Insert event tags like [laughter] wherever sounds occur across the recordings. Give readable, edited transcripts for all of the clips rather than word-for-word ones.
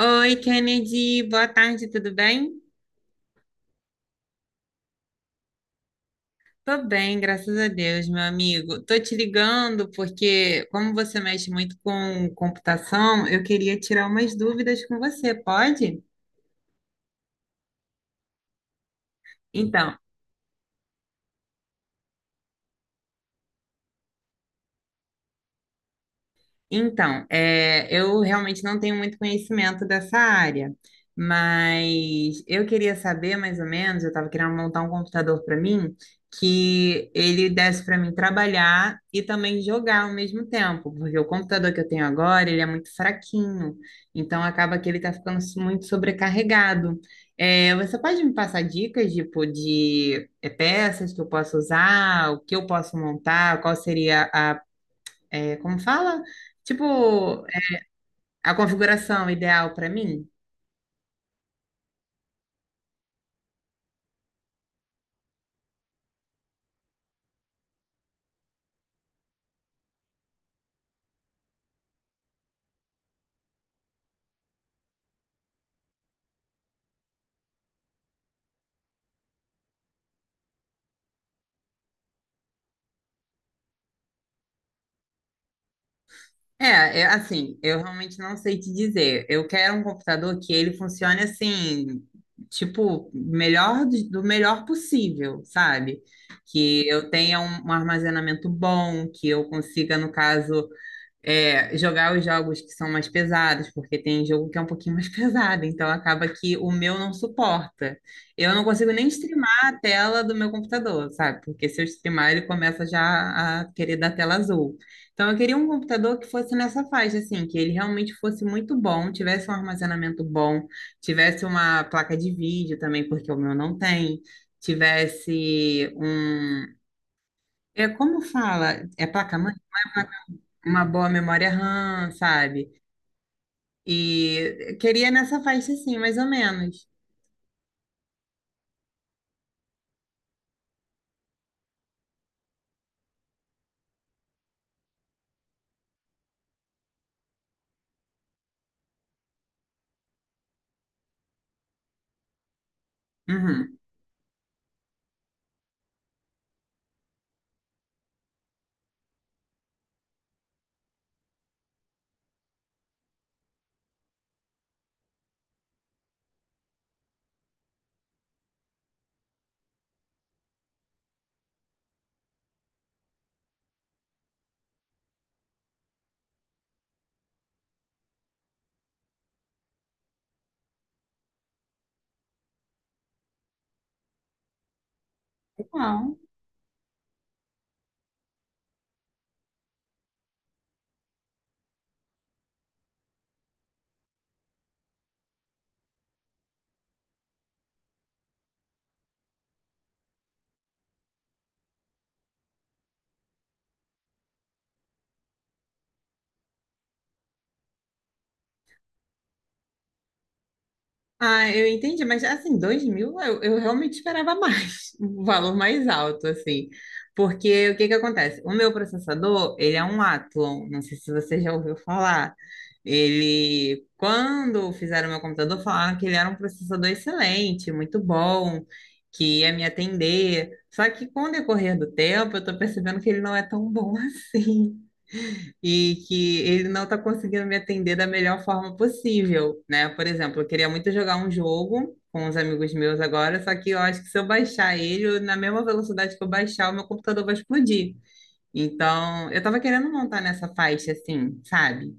Oi, Kennedy, boa tarde, tudo bem? Tô bem, graças a Deus, meu amigo. Tô te ligando porque, como você mexe muito com computação, eu queria tirar umas dúvidas com você, pode? Então, Então, eu realmente não tenho muito conhecimento dessa área, mas eu queria saber mais ou menos. Eu estava querendo montar um computador para mim que ele desse para mim trabalhar e também jogar ao mesmo tempo, porque o computador que eu tenho agora ele é muito fraquinho, então acaba que ele está ficando muito sobrecarregado. Você pode me passar dicas tipo de peças que eu posso usar, o que eu posso montar, qual seria como fala? Tipo, é, a configuração ideal para mim? Assim, eu realmente não sei te dizer. Eu quero um computador que ele funcione assim, tipo, melhor do melhor possível, sabe? Que eu tenha um armazenamento bom, que eu consiga, no caso, jogar os jogos que são mais pesados, porque tem jogo que é um pouquinho mais [laughs] pesado, então acaba que o meu não suporta. Eu não consigo nem streamar a tela do meu computador, sabe? Porque se eu streamar, ele começa já a querer dar tela azul. Então eu queria um computador que fosse nessa faixa, assim, que ele realmente fosse muito bom, tivesse um armazenamento bom, tivesse uma placa de vídeo também, porque o meu não tem. Tivesse um. É, como fala? É placa-mãe? Uma boa memória RAM, sabe? E queria nessa faixa assim, mais ou menos. Uhum. Legal. Ah, eu entendi, mas assim, 2000 eu realmente esperava mais, [laughs] um valor mais alto, assim. Porque o que que acontece? O meu processador, ele é um Athlon, não sei se você já ouviu falar. Ele, quando fizeram o meu computador, falaram que ele era um processador excelente, muito bom, que ia me atender. Só que com o decorrer do tempo, eu tô percebendo que ele não é tão bom [laughs] assim e que ele não está conseguindo me atender da melhor forma possível, né? Por exemplo, eu queria muito jogar um jogo com os amigos meus agora, só que eu acho que se eu baixar ele, na mesma velocidade que eu baixar, o meu computador vai explodir. Então, eu estava querendo montar nessa faixa, assim, sabe?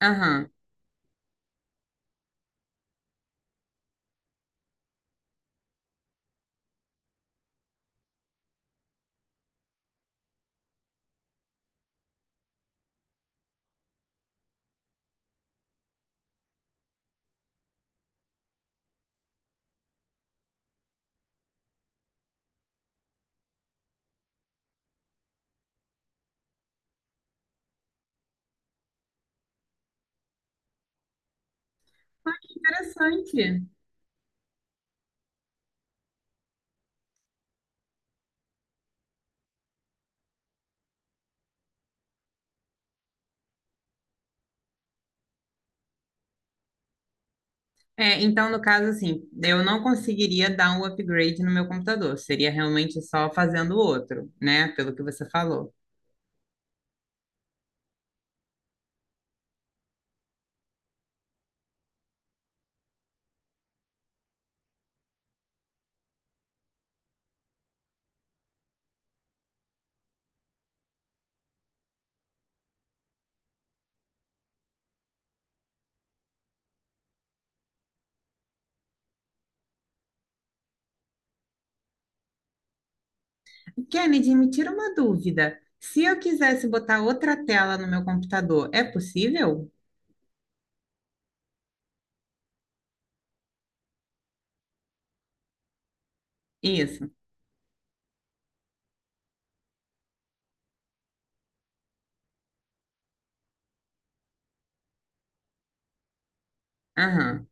Aham. Ah, que interessante. Então, no caso, assim, eu não conseguiria dar um upgrade no meu computador, seria realmente só fazendo outro, né? Pelo que você falou. Kennedy, me tira uma dúvida. Se eu quisesse botar outra tela no meu computador, é possível? Isso. Aham.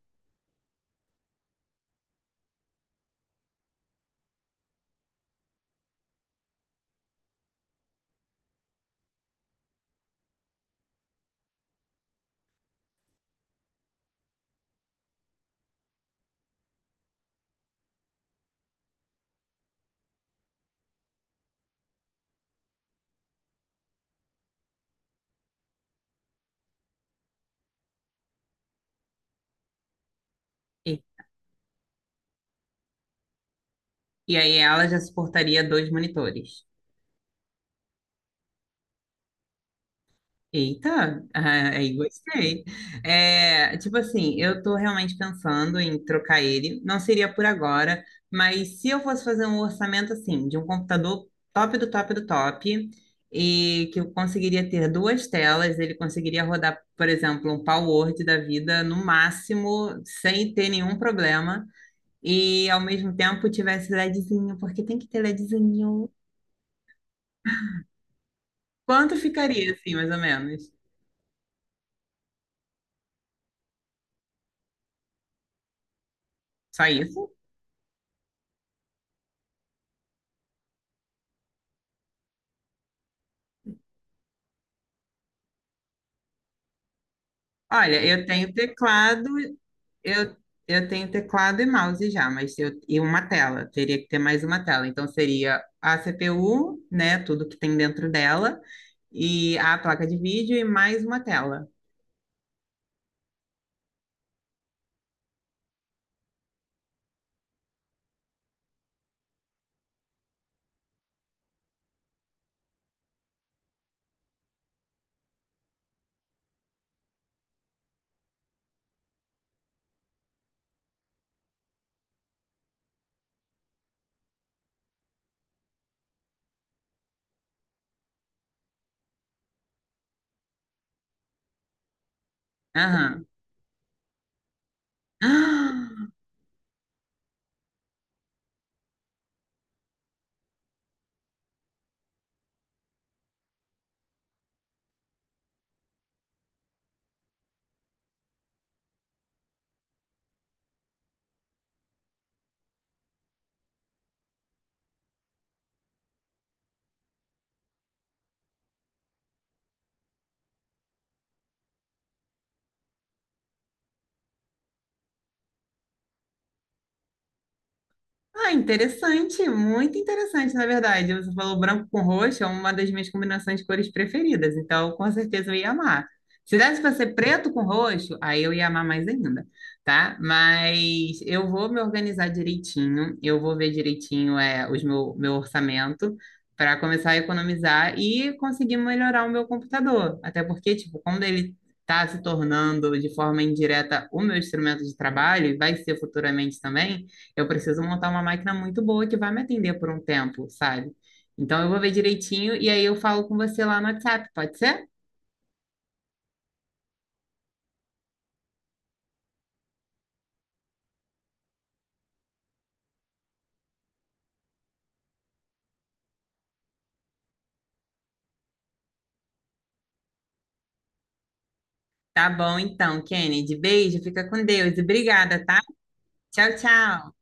E, e aí ela já suportaria dois monitores. Eita, ah, aí gostei. É, tipo assim, eu tô realmente pensando em trocar ele. Não seria por agora, mas se eu fosse fazer um orçamento assim, de um computador top do top do top, e que eu conseguiria ter duas telas, ele conseguiria rodar, por exemplo, um Power Word da vida no máximo, sem ter nenhum problema, e ao mesmo tempo tivesse LEDzinho, porque tem que ter LEDzinho. Quanto ficaria assim, mais ou menos? Só isso? Olha, eu tenho teclado, eu, eu tenho teclado e mouse já, e uma tela, teria que ter mais uma tela. Então seria a CPU, né, tudo que tem dentro dela, e a placa de vídeo e mais uma tela. Aham. [gasps] Ah, interessante, muito interessante, na verdade. Você falou branco com roxo, é uma das minhas combinações de cores preferidas, então com certeza eu ia amar. Se desse para ser preto com roxo, aí eu ia amar mais ainda, tá? Mas eu vou me organizar direitinho, eu vou ver direitinho meu orçamento para começar a economizar e conseguir melhorar o meu computador. Até porque, tipo, quando ele está se tornando de forma indireta o meu instrumento de trabalho, e vai ser futuramente também eu preciso montar uma máquina muito boa que vai me atender por um tempo, sabe? Então eu vou ver direitinho e aí eu falo com você lá no WhatsApp, pode ser? Tá bom, então, Kennedy. Beijo, fica com Deus e obrigada, tá? Tchau, tchau.